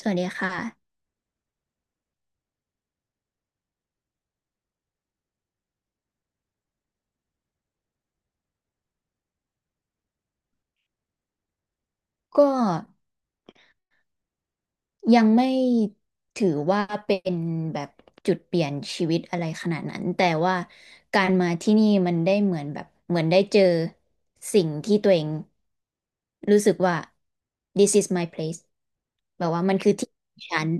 สวัสดีค่ะ ก็ยังไม่ถือว่าเป็นแบบจุดเปลี่ยนชีวิตอะไรขนาดนั้นแต่ว่าการมาที่นี่มันได้เหมือนแบบเหมือนได้เจอสิ่งที่ตัวเองรู้สึกว่า this is my place แบบว่ามันคือที่ของฉัน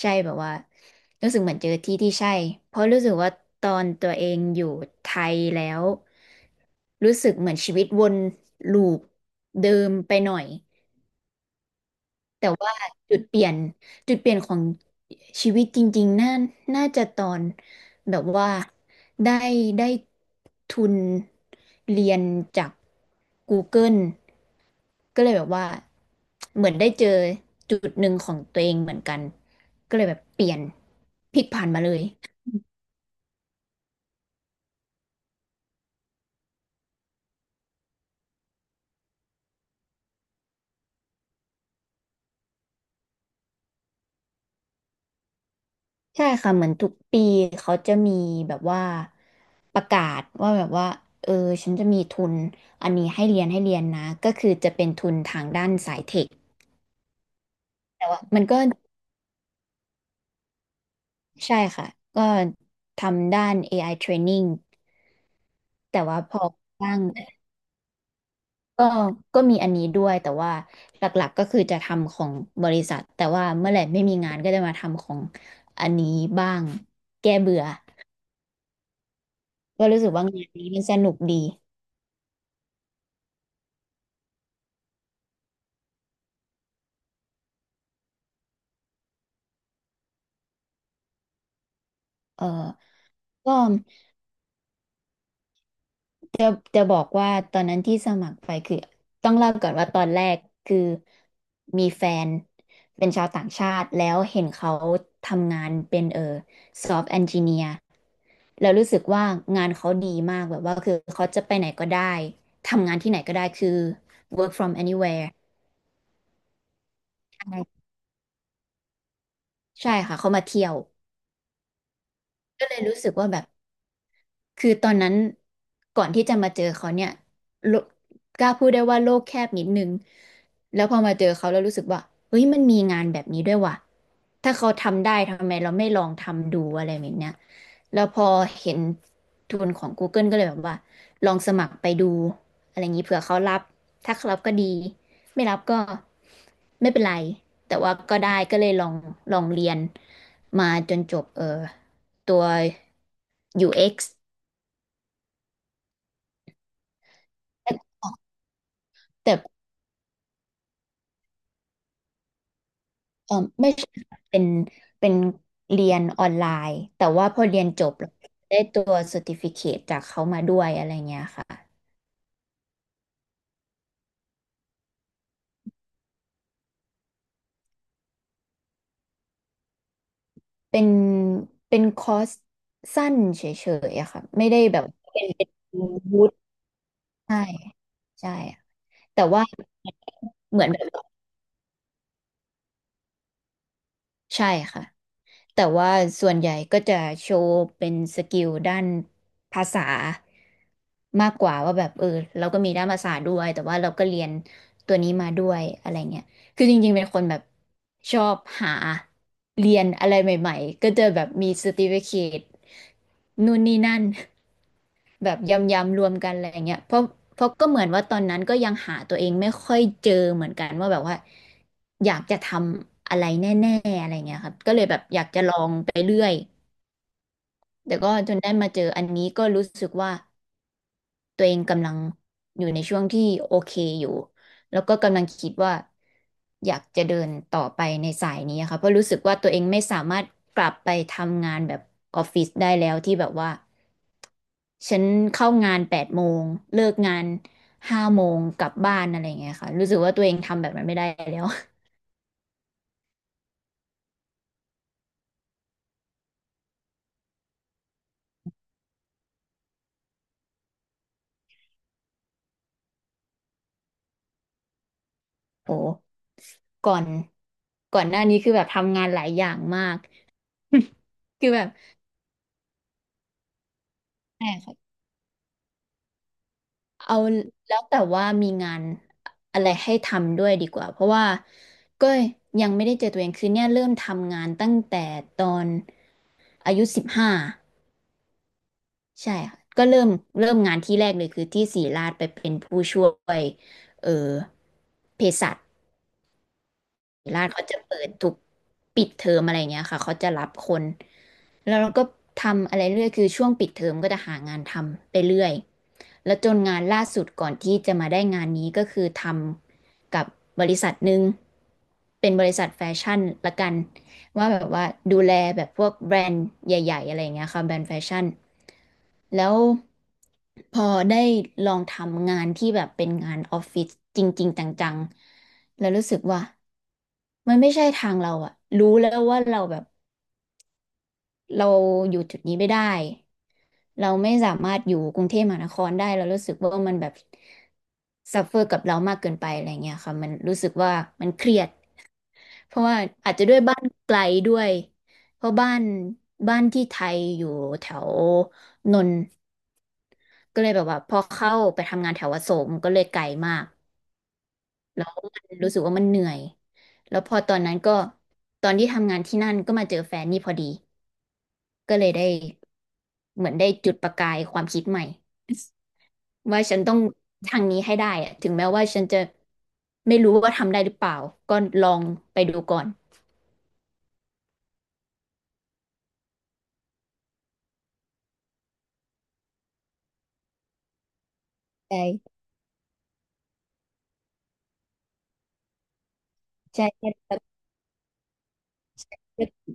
ใช่แบบว่ารู้สึกเหมือนเจอที่ที่ใช่เพราะรู้สึกว่าตอนตัวเองอยู่ไทยแล้วรู้สึกเหมือนชีวิตวนลูปเดิมไปหน่อย แต่ว่าจุดเปลี่ยนจุดเปลี่ยนของชีวิตจริงๆ น่าจะตอนแบบว่าได้ได้ทุนเรียนจาก Google ก็เลยแบบว่าเหมือนได้เจอจุดหนึ่งของตัวเองเหมือนกันก็เลยแบบเปลี่ยนพลิกผันมาเลยใช่ค่ะเหมือนทุกปีเขาจะมีแบบว่าประกาศว่าแบบว่าเออฉันจะมีทุนอันนี้ให้เรียนนะก็คือจะเป็นทุนทางด้านสายเทค แต่ว่ามันก็ใช่ค่ะก็ทำด้าน AI training แต่ว่าพอบ้างก็ก็มีอันนี้ด้วยแต่ว่าหลักๆก็คือจะทำของบริษัทแต่ว่าเมื่อไหร่ไม่มีงานก็จะมาทำของอันนี้บ้างแก้เบื่อก็รู้สึกว่างานนี้มันสนุกดีเออก็ จะจะบอกว่าตอนนั้นที่สมัครไปคือต้องเล่าก่อนว่าตอนแรกคือมีแฟนเป็นชาวต่างชาติแล้วเห็นเขาทำงานเป็นซอฟต์แอนจิเนียร์แล้วรู้สึกว่างานเขาดีมากแบบว่าคือเขาจะไปไหนก็ได้ทำงานที่ไหนก็ได้คือ work from anywhere ใช่ใช่ค่ะเขามาเที่ยวก็เลยรู้สึกว่าแบบ คือตอนนั้นก่อนที่จะมาเจอเขาเนี่ยโลกกล้าพูดได้ว่าโลกแคบนิดนึงแล้วพอมาเจอเขาแล้วรู้สึกว่าเฮ้ยมันมีงานแบบนี้ด้วยว่ะถ้าเขาทำได้ทำไมเราไม่ลองทำดูอะไรแบบเนี้ยแล้วพอเห็นทุนของ Google ก็เลยแบบว่าลองสมัครไปดูอะไรอย่างนี้เผื่อเขารับถ้าเขารับก็ดีไม่รับก็ไม่เป็นไรแต่ว่าก็ได้ก็เลยลองเรียนมาจนจบตัว UX แต่แต่เออไม่ใช่ค่ะเป็นเรียนออนไลน์แต่ว่าพอเรียนจบแล้วได้ตัวเซอร์ติฟิเคตจากเขามาด้วยอะไรเงี้ยค่ะเป็นเป็นคอร์สสั้นเฉยๆอะค่ะไม่ได้แบบเป็นวุฒิใช่ใช่แต่ว่าเหมือนแบบ ใช่ค่ะแต่ว่าส่วนใหญ่ก็จะโชว์เป็นสกิลด้านภาษามากกว่าว่าแบบเราก็มีด้านภาษาด้วยแต่ว่าเราก็เรียนตัวนี้มาด้วยอะไรเงี้ยคือจริงๆเป็นคนแบบชอบหาเรียนอะไรใหม่ๆก็จะแบบมี certificate นู่นนี่นั่น แบบยำๆรวมกันอะไรเงี้ยเพราะก็เหมือนว่าตอนนั้นก็ยังหาตัวเองไม่ค่อยเจอเหมือนกันว่าแบบว่าอยากจะทำอะไรแน่ๆอะไรเงี้ยครับก็เลยแบบอยากจะลองไปเรื่อยแต่ก็จนได้มาเจออันนี้ก็รู้สึกว่าตัวเองกำลังอยู่ในช่วงที่โอเคอยู่แล้วก็กำลังคิดว่าอยากจะเดินต่อไปในสายนี้ค่ะเพราะรู้สึกว่าตัวเองไม่สามารถกลับไปทำงานแบบออฟฟิศได้แล้วที่แบบว่า ฉันเข้างาน8 โมงเลิกงาน5 โมงกลับบ้านอะไรอย่างเงี้ยค่ะรู้สึกว่าตัวเองทำแบบนั้นไม่ได้แล้ว โอ้ก่อนก่อนหน้านี้คือแบบทำงานหลายอย่างมาก คือแบบใช่ค่ะเอาแล้วแต่ว่ามีงานอะไรให้ทำด้วยดีกว่าเพราะว่าก็ยังไม่ได้เจอตัวเองคือเนี่ยเริ่มทำงานตั้งแต่ตอนอายุ15 ใช่ค่ะก็เริ่มงานที่แรกเลยคือที่ศิริราชไปเป็นผู้ช่วยเออเภสัชศิริราชเขาจะเปิดทุกปิดเทอมอะไรเงี้ยค่ะเขาจะรับคนแล้วเราก็ทำอะไรเรื่อยคือช่วงปิดเทอมก็จะหางานทำไปเรื่อยแล้วจนงานล่าสุดก่อนที่จะมาได้งานนี้ก็คือทำกับบริษัทหนึ่งเป็นบริษัทแฟชั่นละกันว่าแบบว่าดูแลแบบพวกแบรนด์ใหญ่ๆอะไรเงี้ยค่ะแบรนด์แฟชั่น แล้วพอได้ลองทำงานที่แบบเป็นงานออฟฟิศจริงๆจังๆแล้วรู้สึกว่ามันไม่ใช่ทางเราอะรู้แล้วว่าเราแบบเราอยู่จุดนี้ไม่ได้เราไม่สามารถอยู่กรุงเทพมหานครได้เรารู้สึกว่ามันแบบซัฟเฟอร์กับเรามากเกินไปอะไรเงี้ยค่ะมันรู้สึกว่ามันเครียดเพราะว่าอาจจะด้วยบ้านไกลด้วยเพราะบ้านที่ไทยอยู่แถวนนท์ ก็เลยแบบว่าพอเข้าไปทำงานแถวอโศกมันก็เลยไกลมากแล้วมันรู้สึกว่ามันเหนื่อยแล้วพอตอนนั้นก็ตอนที่ทำงานที่นั่นก็มาเจอแฟนนี่พอดีก็เลยได้เหมือนได้จุดประกายความคิดใหม่ ว่าฉันต้องทางนี้ให้ได้อะถึงแม้ว่าฉันจะไม่รู้ว่าทำได้หรือเปล่าก็ลองไปดูก่อนใช่ใช่ใช่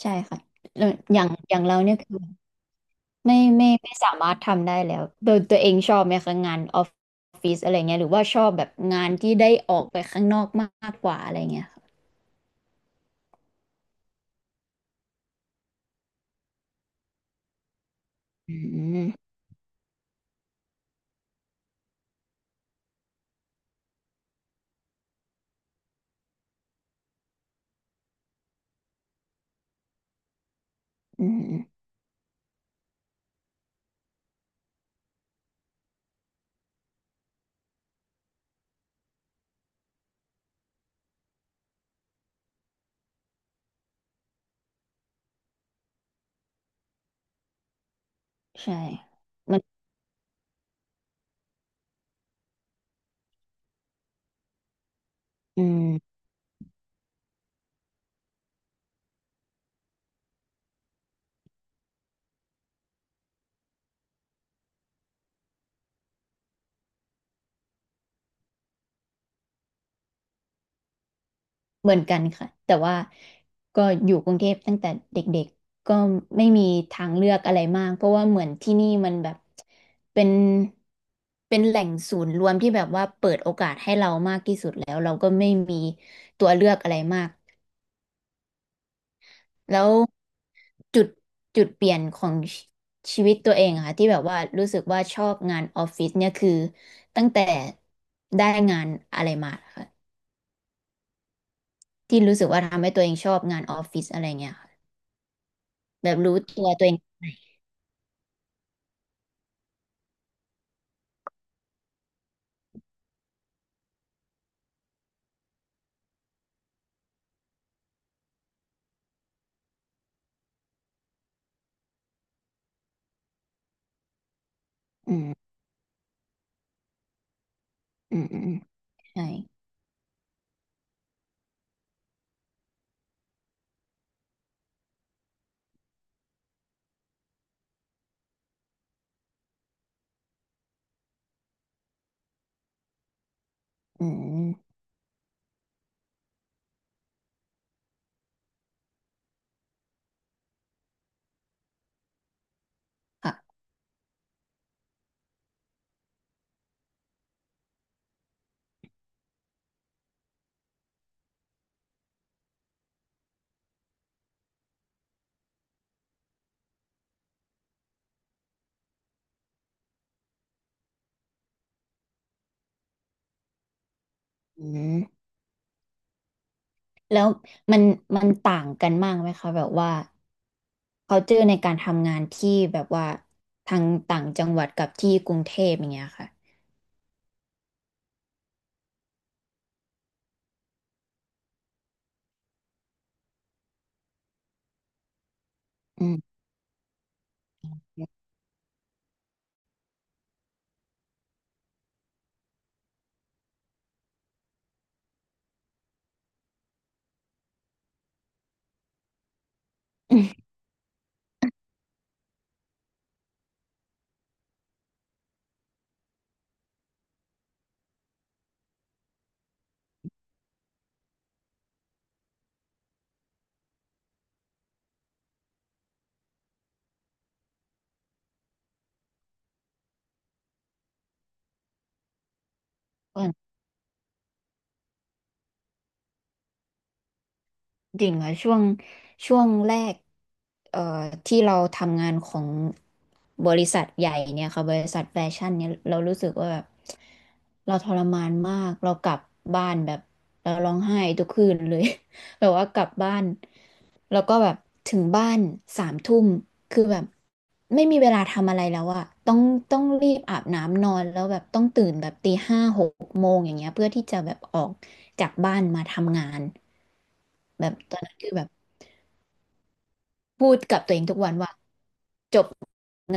ใช่ค่ะแล้วอย่างเราเนี่ยคือ ไม่สามารถทำได้แล้วโดยตัวเองชอบไหมคะงานออฟฟิศอะไรเงี้ยหรือว่าชอบแบบงานที่ได้ออกไปข้างนอกมากกว่าอะไรเงี้ยค่ะอืมอืมใช่มันอืมเหมือนกันค่ะแต่ว่าก็อยู่กรุงเทพตั้งแต่เด็กๆก็ไม่มีทางเลือกอะไรมากเพราะว่าเหมือนที่นี่มันแบบเป็นเป็นแหล่งศูนย์รวมที่แบบว่าเปิดโอกาสให้เรามากที่สุดแล้วเราก็ไม่มีตัวเลือกอะไรมาก แล้วจุดจุดเปลี่ยนของชีวิตตัวเองอะค่ะที่แบบว่ารู้สึกว่าชอบงานออฟฟิศเนี่ยคือตั้งแต่ได้งานอะไรมาค่ะที่รู้สึกว่าทำให้ตัวเองชอบงานออฟฟิศอะไรเงี้ยค่ะแบบรู้ตัวเองอืมอืมอืมอืมใช่อืมค่ะอืมแล้วมันมันต่างกันมากไหมคะแบบว่า culture ในการทำงานที่แบบว่าทางต่างจังหวัดกับที่กรุงเทพอย่างเงี้ยค่ะอืม ดิ่งอะช่วงแรกเอ่อที่เราทำงานของบริษัทใหญ่เนี่ยค่ะบริษัทแฟชั่นเนี่ยเรารู้สึกว่าแบบเราทรมานมากเรากลับบ้านแบบเราร้องไห้ทุกคืนเลย แบบว่ากลับบ้านแล้วก็แบบถึงบ้าน3 ทุ่มคือแบบ ไม่มีเวลาทำอะไรแล้วอะต้องรีบอาบน้ำนอนแล้วแบบต้องตื่นแบบตี 5 6 โมงอย่างเงี้ยเพื่อที่จะแบบออกจากบ้านมาทำงานแบบตอนนั้นคือแบบ พูดกับตัวเองทุกวันว่าจบ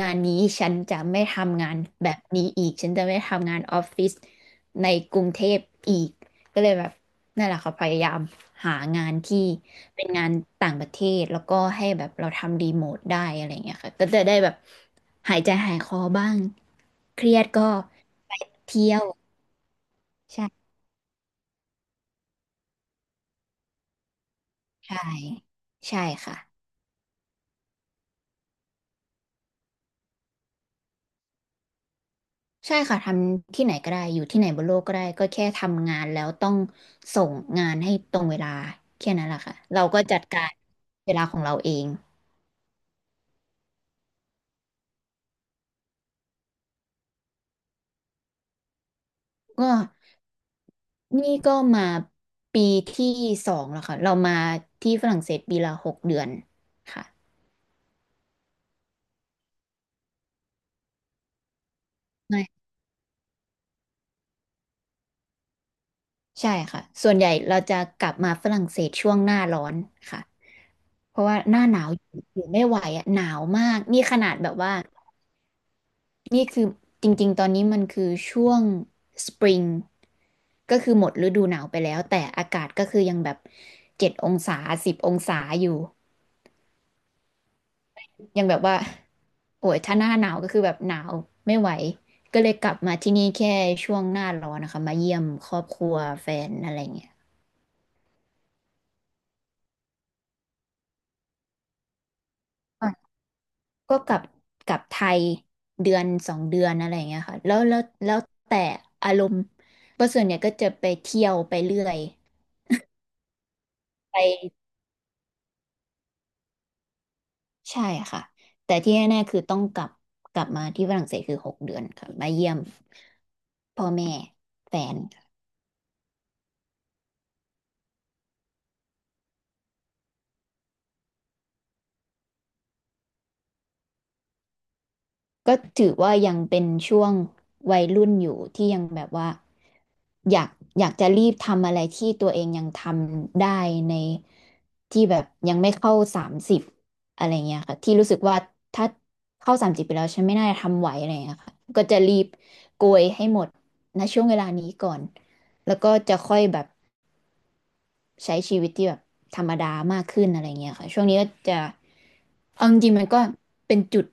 งานนี้ฉันจะไม่ทำงานแบบนี้อีกฉันจะไม่ทำงานออฟฟิศในกรุงเทพอีกก็เลยแบบนั่นแหละค่ะพยายามหางานที่เป็นงานต่างประเทศแล้วก็ให้แบบเราทำรีโมทได้อะไรเงี้ยค่ะก็จะได้แบบหายใจหายคอบ้างเครียดก็ไปเที่ยวใช่ใช่ใช่ค่ะ ใช่ค่ะทำที่ไหนก็ได้อยู่ที่ไหนบนโลกก็ได้ก็แค่ทำงานแล้วต้องส่งงานให้ตรงเวลาแค่นั้นแหละค่ะเราก็จัดการเวลาของเราเองก็นี่ก็มาปีที่สองแล้วค่ะเรามาที่ฝรั่งเศสปีละหกเดือนค่ะไม่ใช่ค่ะส่วนใหญ่เราจะกลับมาฝรั่งเศสช่วงหน้าร้อนค่ะเพราะว่าหน้าหนาวอยู่ไม่ไหวอะหนาวมากนี่ขนาดแบบว่า นี่คือจริงๆ ตอนนี้มันคือช่วงสปริงก็คือหมดฤดูหนาวไปแล้วแต่อากาศก็คือยังแบบ7 องศา10 องศาอยู่ยังแบบว่าโอ้ยถ้าหน้าหนาวก็คือแบบหนาวไม่ไหวก็เลยกลับมาที่นี่แค่ช่วงหน้าร้อนนะคะมาเยี่ยมครอบครัวแฟนอะไรเงี้ยอ่ะก็กลับไทยเดือนสองเดือนอะไรเงี้ยค่ะแล้วแต่อารมณ์เพราะส่วนใหญ่ยก็จะไปเที่ยวไปเรื่อยไป ใช่ค่ะแต่ที่แน่ๆคือต้องกลับมาที่ฝรั่งเศสคือหกเดือนค่ะมาเยี่ยมพ่อแม่แฟนก็ถือว่ายังเป็นช่วงวัยรุ่นอยู่ที่ยังแบบว่าอยากอยากจะรีบทำอะไรที่ตัวเองยังทำได้ในที่แบบยังไม่เข้าสามสิบอะไรเงี้ยค่ะที่รู้สึกว่าถ้าเข้าสามสิบไปแล้วฉันไม่น่าจะทำไหวอะไรเงี้ยค่ะก็จะรีบโกยให้หมดณช่วงเวลานี้ก่อนแล้วก็จะค่อยแบบ ใช้ชีวิตที่แบบธรรมดามากขึ้นอะไรเงี้ยค่ะช่วงนี้ก็จะเอาจริงๆมันก็เป็นจุด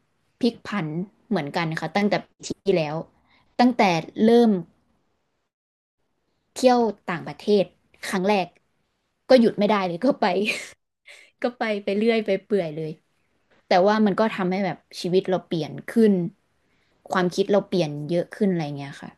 พลิกผันเหมือนกันค่ะตั้งแต่ปีที่แล้วตั้งแต่เริ่มเที่ยวต่างประเทศครั้งแรกก็หยุดไม่ได้เลย ก็ไป ก็ไปเรื่อยไปเปื่อยเลยแต่ว่ามันก็ทำให้แบบชีวิตเราเปลี่ยนขึ้นความคิดเราเปลี่ยนเยอะขึ้นอะไรเงี้ยค่ะ